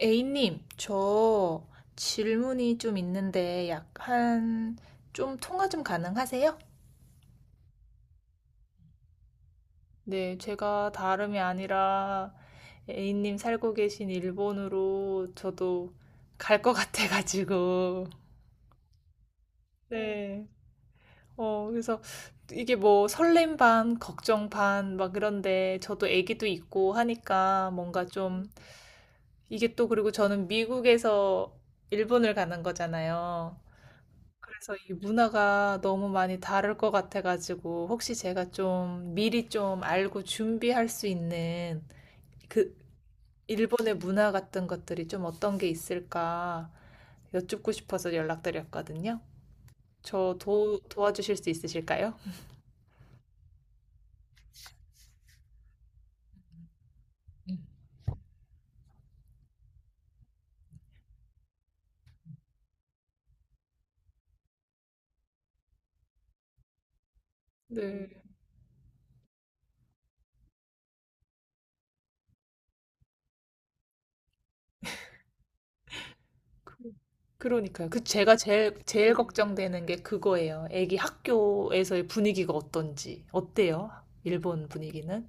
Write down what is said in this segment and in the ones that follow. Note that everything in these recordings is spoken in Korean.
A님, 저 질문이 좀 있는데 약간 좀 통화 좀 가능하세요? 네, 제가 다름이 아니라 A님 살고 계신 일본으로 저도 갈 것 같아가지고. 네. 그래서 이게 뭐 설렘 반, 걱정 반, 막 그런데 저도 애기도 있고 하니까 뭔가 좀 이게 또, 그리고 저는 미국에서 일본을 가는 거잖아요. 그래서 이 문화가 너무 많이 다를 것 같아가지고, 혹시 제가 좀 미리 좀 알고 준비할 수 있는 그 일본의 문화 같은 것들이 좀 어떤 게 있을까 여쭙고 싶어서 연락드렸거든요. 저 도, 도와주실 수 있으실까요? 네. 그- 그러니까요. 그 제가 제일 제일 걱정되는 게 그거예요. 애기 학교에서의 분위기가 어떤지. 어때요? 일본 분위기는?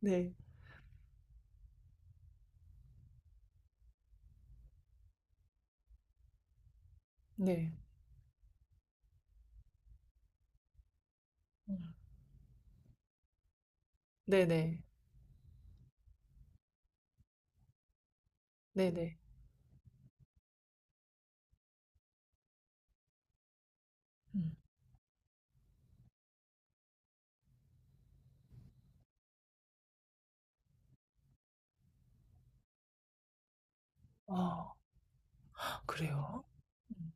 네. 네. 음. 네네. 네네. 음. 아, 그래요? 음.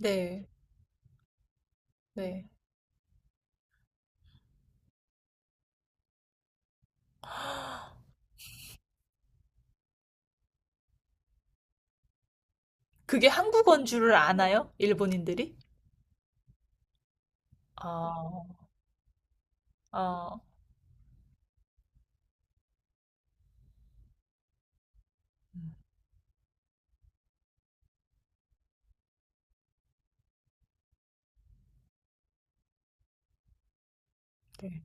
네. 네. 그게 한국어인 줄을 아나요? 일본인들이? 아. 아. 음. 네.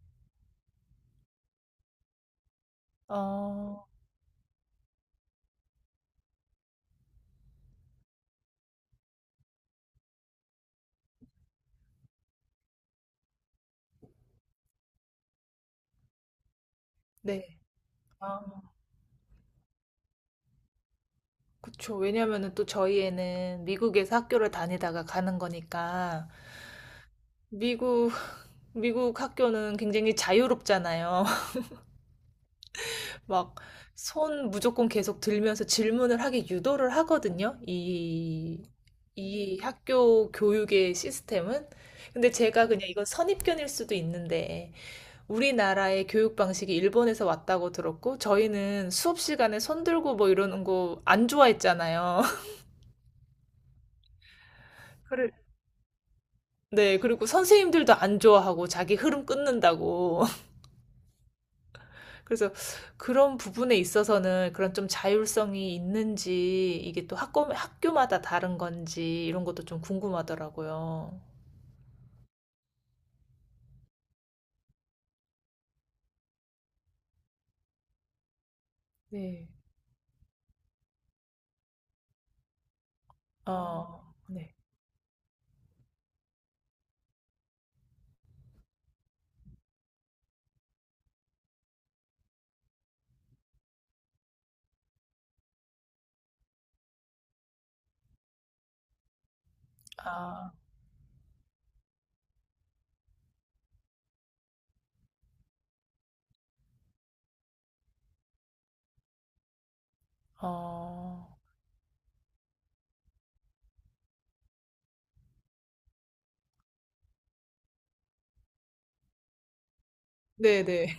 어. 네. 아, 그쵸. 왜냐면은 또 저희에는 미국에서 학교를 다니다가 가는 거니까 미국 미국 학교는 굉장히 자유롭잖아요. 막 손 무조건 계속 들면서 질문을 하게 유도를 하거든요. 이 학교 교육의 시스템은. 근데 제가 그냥 이건 선입견일 수도 있는데 우리나라의 교육 방식이 일본에서 왔다고 들었고, 저희는 수업 시간에 손 들고 뭐 이러는 거 안 좋아했잖아요. 그래. 네, 그리고 선생님들도 안 좋아하고 자기 흐름 끊는다고. 그래서 그런 부분에 있어서는 그런 좀 자율성이 있는지, 이게 또 학교마다 다른 건지, 이런 것도 좀 궁금하더라고요. 네. 아, 어, 네. 아, 어. 네네.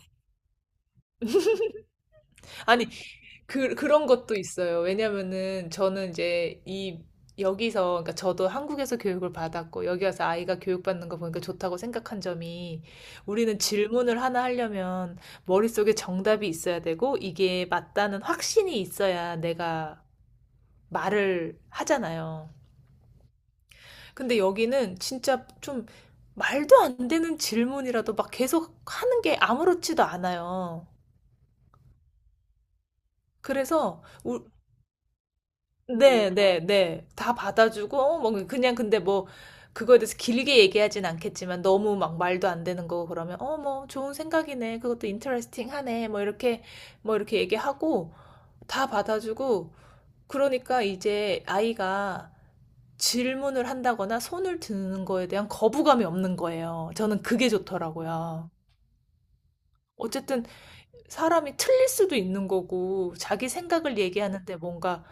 아니, 그, 그런 것도 있어요. 왜냐면은 저는 이제 이 여기서, 그러니까 저도 한국에서 교육을 받았고 여기 와서 아이가 교육받는 거 보니까 좋다고 생각한 점이, 우리는 질문을 하나 하려면 머릿속에 정답이 있어야 되고 이게 맞다는 확신이 있어야 내가 말을 하잖아요. 근데 여기는 진짜 좀 말도 안 되는 질문이라도 막 계속 하는 게 아무렇지도 않아요. 그래서 우- 네, 그러니까. 네, 네. 다 받아주고, 어, 뭐, 그냥 근데 뭐, 그거에 대해서 길게 얘기하진 않겠지만, 너무 막 말도 안 되는 거 그러면, 어, 뭐, 좋은 생각이네. 그것도 인터레스팅 하네. 뭐, 이렇게, 뭐, 이렇게 얘기하고, 다 받아주고, 그러니까 이제 아이가 질문을 한다거나 손을 드는 거에 대한 거부감이 없는 거예요. 저는 그게 좋더라고요. 어쨌든 사람이 틀릴 수도 있는 거고, 자기 생각을 얘기하는데 뭔가,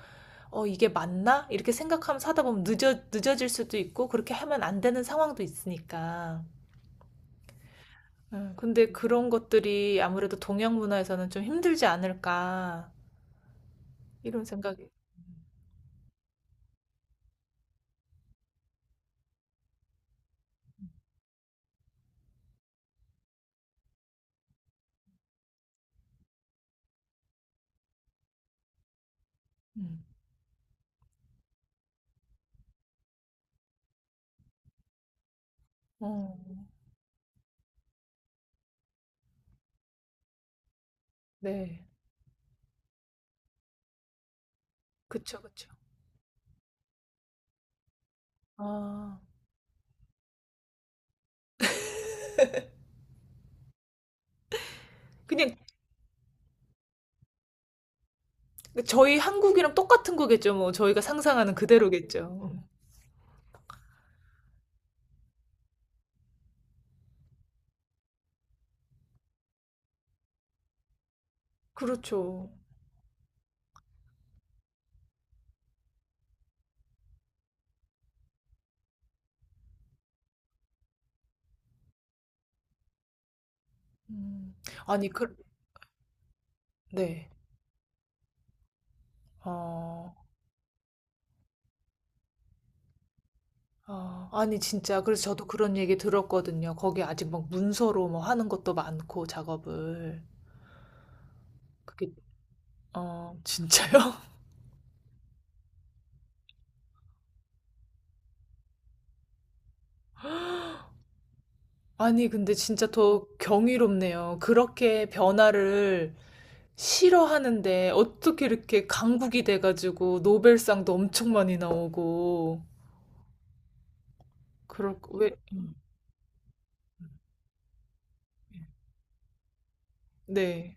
어, 이게 맞나? 이렇게 생각하면 사다 보면 늦어질 수도 있고, 그렇게 하면 안 되는 상황도 있으니까. 근데 그런 것들이 아무래도 동양 문화에서는 좀 힘들지 않을까, 이런 생각이. 음. 어, 네. 그쵸, 그쵸. 아, 그냥 저희 한국이랑 똑같은 거겠죠, 뭐. 저희가 상상하는 그대로겠죠. 그렇죠. 음. 아니, 그, 네. 어, 아, 아니 진짜 그래서 저도 그런 얘기 들었거든요. 거기 아직 막 문서로 뭐 하는 것도 많고 작업을. 그게 어 진짜요? 아니 근데 진짜 더 경이롭네요. 그렇게 변화를 싫어하는데 어떻게 이렇게 강국이 돼 가지고 노벨상도 엄청 많이 나오고 그럴 왜. 음. 네.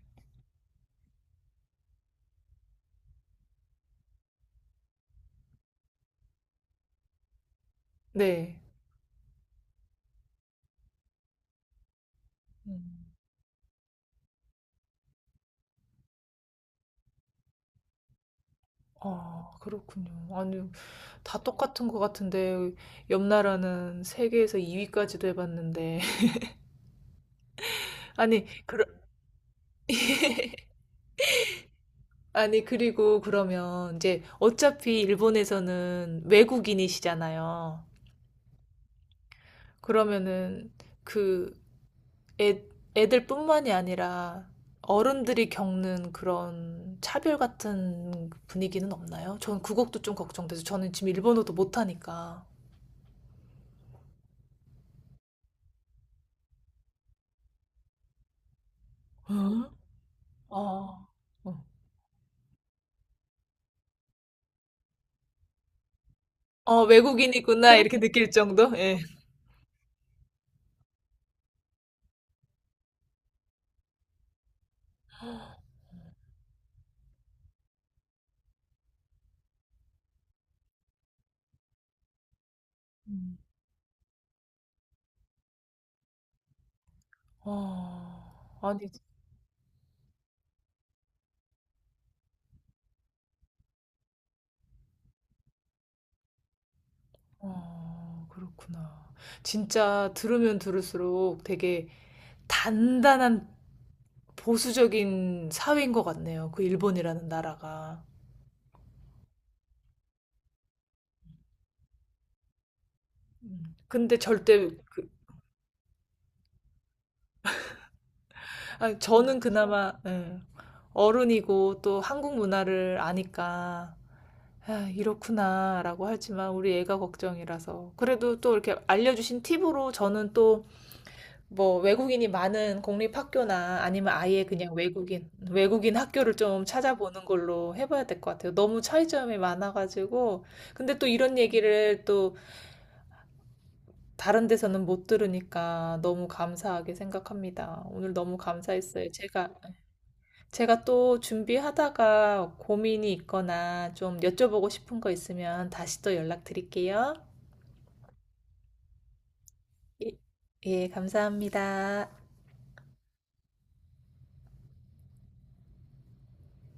네. 음. 아, 그렇군요. 아니 다 똑같은 것 같은데 옆 나라는 세계에서 2위까지도 해 봤는데. 아니, 그러, 아니, 그리고 그러면 이제 어차피 일본에서는 외국인이시잖아요. 그러면은 그 애, 애들뿐만이 아니라 어른들이 겪는 그런 차별 같은 분위기는 없나요? 전 그것도 좀 걱정돼서 저는 지금 일본어도 못하니까. 어? 어, 어, 어, 외국인이구나 이렇게 느낄 정도? 예. 음. 어, 아니 어, 그렇구나. 진짜 들으면 들을수록 되게 단단한 보수적인 사회인 것 같네요. 그 일본이라는 나라가. 근데 절대, 그, 아니, 저는 그나마, 예, 어른이고 또 한국 문화를 아니까, 아, 이렇구나, 라고 하지만 우리 애가 걱정이라서. 그래도 또 이렇게 알려주신 팁으로 저는 또 뭐 외국인이 많은 공립학교나 아니면 아예 그냥 외국인 학교를 좀 찾아보는 걸로 해봐야 될 것 같아요. 너무 차이점이 많아가지고. 근데 또 이런 얘기를 또 다른 데서는 못 들으니까 너무 감사하게 생각합니다. 오늘 너무 감사했어요. 제가, 제가 또 준비하다가 고민이 있거나 좀 여쭤보고 싶은 거 있으면 다시 또 연락드릴게요. 예, 예, 감사합니다.